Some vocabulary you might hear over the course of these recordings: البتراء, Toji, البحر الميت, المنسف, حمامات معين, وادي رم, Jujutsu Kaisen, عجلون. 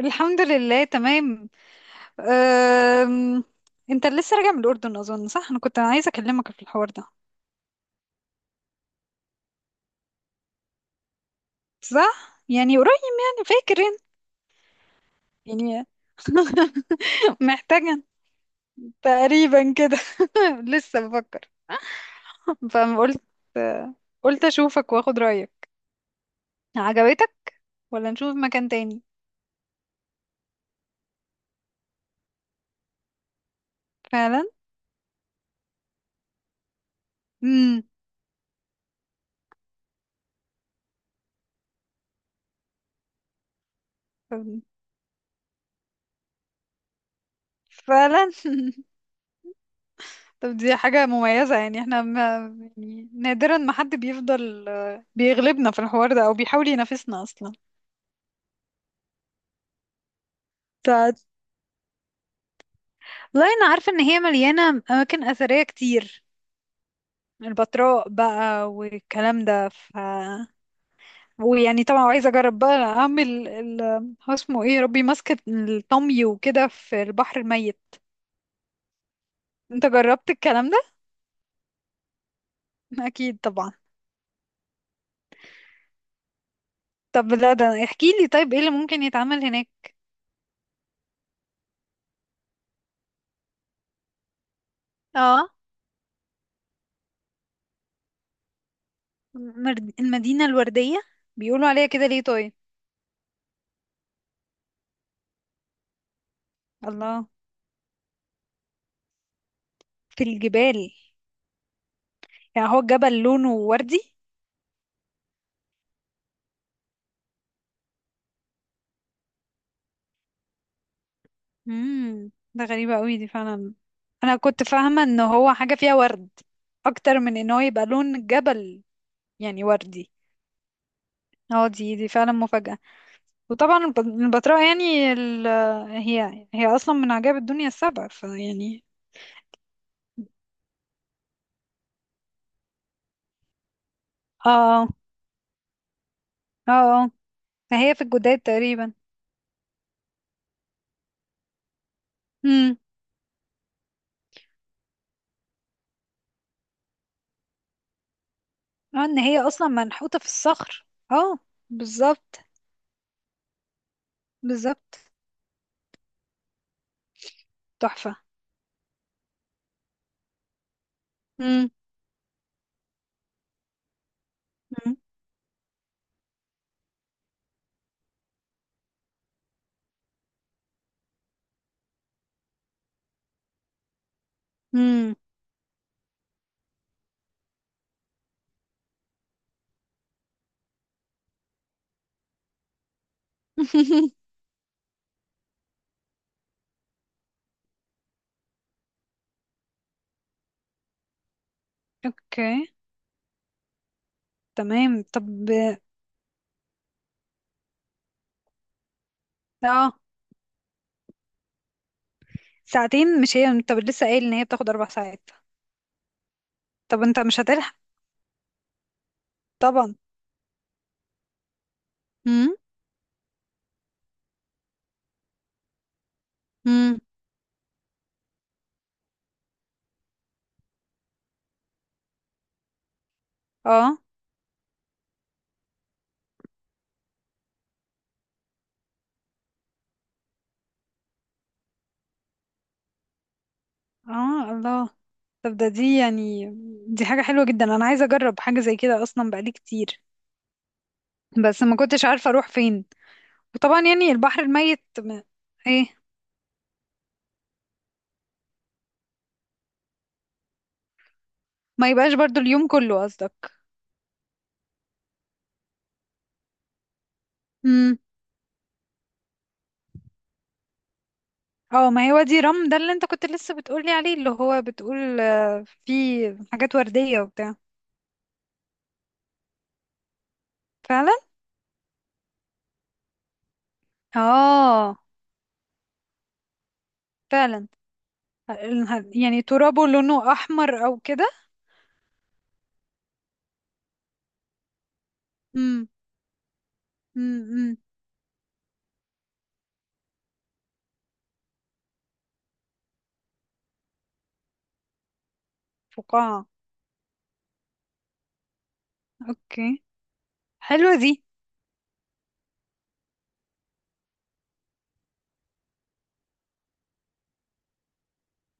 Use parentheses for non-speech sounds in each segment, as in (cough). الحمد لله تمام. أم... انت لسه راجع من الأردن أظن، صح؟ أنا كنت عايزة أكلمك في الحوار ده. صح؟ يعني قريب، يعني فاكر انت؟ يعني. (laughs) محتاجة تقريبا كده. (laughs) لسه بفكر. فقلت قلت أشوفك وأخد رأيك. عجبتك ولا نشوف مكان تاني؟ فعلا؟ امم. فعلا. طب دي حاجة مميزة، يعني احنا ما... يعني نادرا ما حد بيفضل، بيغلبنا في الحوار ده أو بيحاول ينافسنا أصلا. بتاعت... لا انا عارفه ان هي مليانه اماكن اثريه كتير. البتراء بقى والكلام ده، ف... ويعني طبعا عايزه اجرب بقى اعمل ال... هو اسمه ايه يا ربي، ماسكه الطمي وكده في البحر الميت. انت جربت الكلام ده؟ اكيد طبعا. طب لا، ده احكي لي طيب ايه اللي ممكن يتعمل هناك. اه. المدينه الورديه، بيقولوا عليها كده ليه طيب؟ الله. في الجبال. يعني هو الجبل لونه وردي؟ ده غريبة قوي دي فعلا. انا كنت فاهمة ان هو حاجة فيها ورد، اكتر من ان هو يبقى لون الجبل. يعني وردي. اه، دي فعلا مفاجأة. وطبعا البتراء، يعني ال... هي هي اصلا من عجائب الدنيا السبع، فيعني... اه، اه، اه. فهي في الجداد تقريبا. امم. اه، ان هي اصلا منحوتة في الصخر. اه. بالظبط. بالظبط. تحفة. امم. امم. (laughs) اوكي. تمام، طب. اه. ساعتين؟ مش هي انت لسه قايل ان هي بتاخد اربع ساعات؟ طب انت مش هتلحق. طبعا. امم. امم. اه، اه، الله. طب ده دي يعني... دي حاجة حلوة جدا، انا عايزة اجرب حاجة زي كده اصلا بقالي كتير. بس ما كنتش عارفة اروح فين. وطبعا يعني البحر الميت ما... ايه. ما يبقاش برضو اليوم كله قصدك؟ امم. اه، ما هي وادي رم ده اللي انت كنت لسه بتقولي عليه، اللي هو بتقول فيه حاجات وردية وبتاع. فعلا. اه، فعلا. يعني ترابه لونه احمر او كده؟ امم. امم. فقاعة. اوكي. حلوة دي.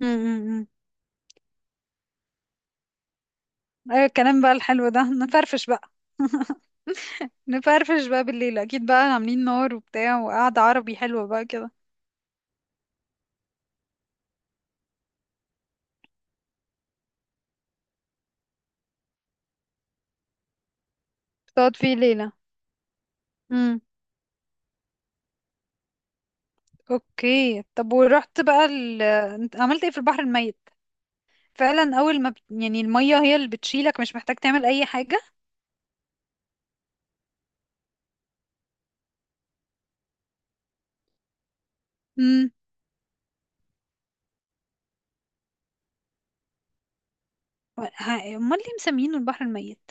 امم. ايوه، الكلام بقى الحلو ده نفرفش بقى. (laughs) نفرفش بقى بالليل، اكيد بقى عاملين نار وبتاع، وقعدة عربي حلوة بقى كده. تقعد فيه ليلة؟ امم. اوكي، طب ورحت بقى ال... انت عملت ايه في البحر الميت؟ فعلا اول ما بت... يعني المية هي اللي بتشيلك، مش محتاج تعمل اي حاجة. امم. امال ليه مسمينه البحر الميت؟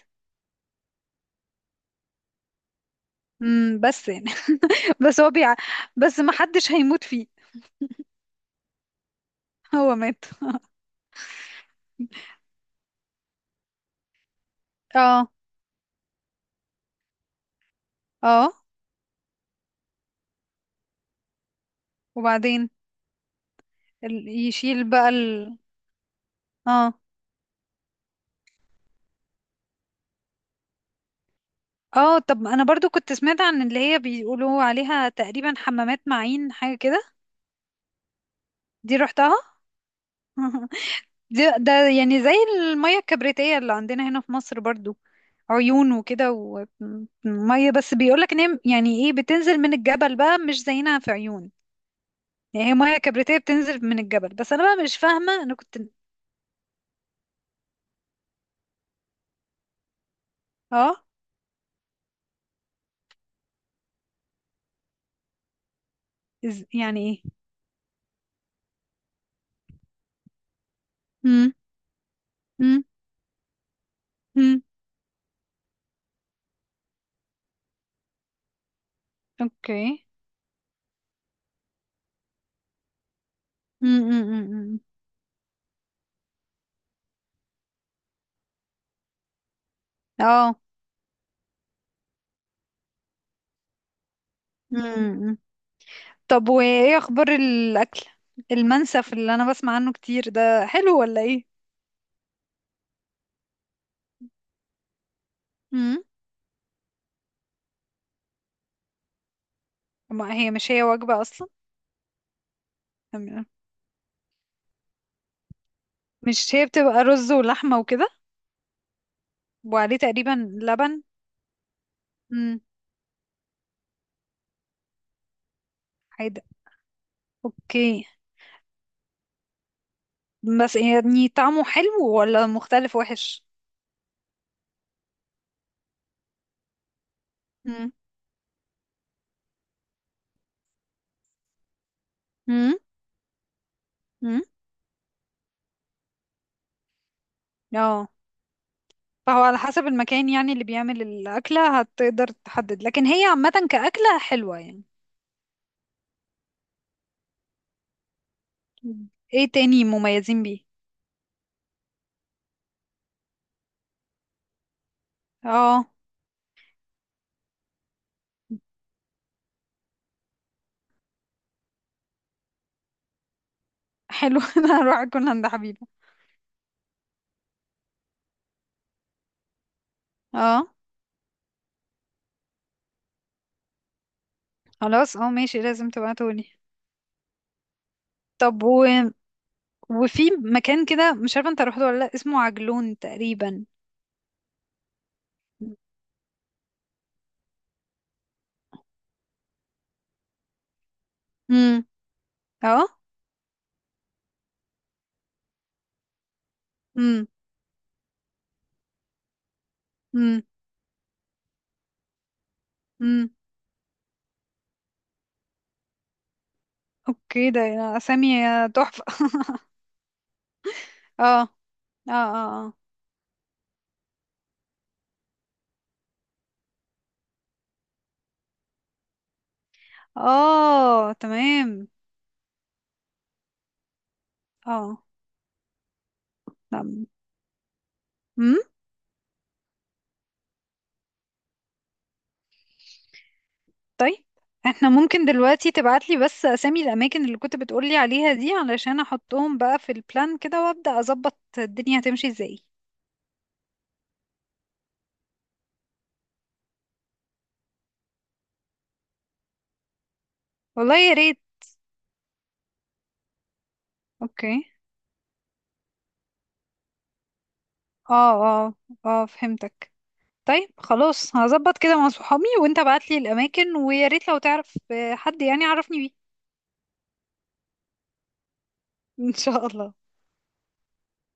امم، بس يعني. بس هو بيع... بس ما حدش هيموت فيه. هو مات؟ اه. اه. وبعدين ال... يشيل بقى ال... اه. اه. طب انا برضو كنت سمعت عن اللي هي بيقولوا عليها تقريبا حمامات معين، حاجة كده. دي رحتها؟ (laughs) دي ده، يعني زي المية الكبريتية اللي عندنا هنا في مصر برضو، عيون وكده ومية، بس بيقولك ان هي يعني ايه، بتنزل من الجبل بقى، مش زينا في عيون. يعني هي مية كبريتية بتنزل من الجبل، بس انا بقى مش فاهمة، انا كنت... اه. يعني ايه؟ مم. مم. مم. اوكي. مم. مم. مم. مم. اه. مم. مم. طب وايه اخبار الاكل؟ المنسف اللي انا بسمع عنه كتير ده حلو ولا ايه؟ مم. ما هي مش هي وجبة اصلا؟ مش هي بتبقى رز ولحمة وكده؟ وعليه تقريبا لبن. مم. حاجة. اوكي. بس يعني طعمه حلو ولا مختلف وحش؟ مم. مم. مم. اه، فهو على حسب المكان يعني، اللي بيعمل الأكلة هتقدر تحدد، لكن هي عامة كأكلة حلوة يعني. مم. ايه تاني مميزين بيه؟ اه. حلو. (laughs) انا هروح اكل عند حبيبة. اه، خلاص. اه، ماشي، لازم تبعتولي. طب و... وفي مكان كده مش عارفة انت رحت ولا لا، اسمه عجلون تقريبا. امم. اه. امم. امم. امم. اوكي ده. اسامي تحفة. (laughs) اه. اه. اه، اه، آه، تمام. اه. نعم. طيب. احنا ممكن دلوقتي تبعتلي بس اسامي الاماكن اللي كنت بتقولي عليها دي، علشان احطهم بقى في البلان كده وابدا اظبط الدنيا هتمشي ازاي. والله يا ريت. اوكي. اه. اه. اه، فهمتك. طيب، خلاص، هظبط كده مع صحابي، وانت ابعتلي الاماكن، ويا ريت لو تعرف حد يعني، عرفني بيه. (laughs) ان شاء الله.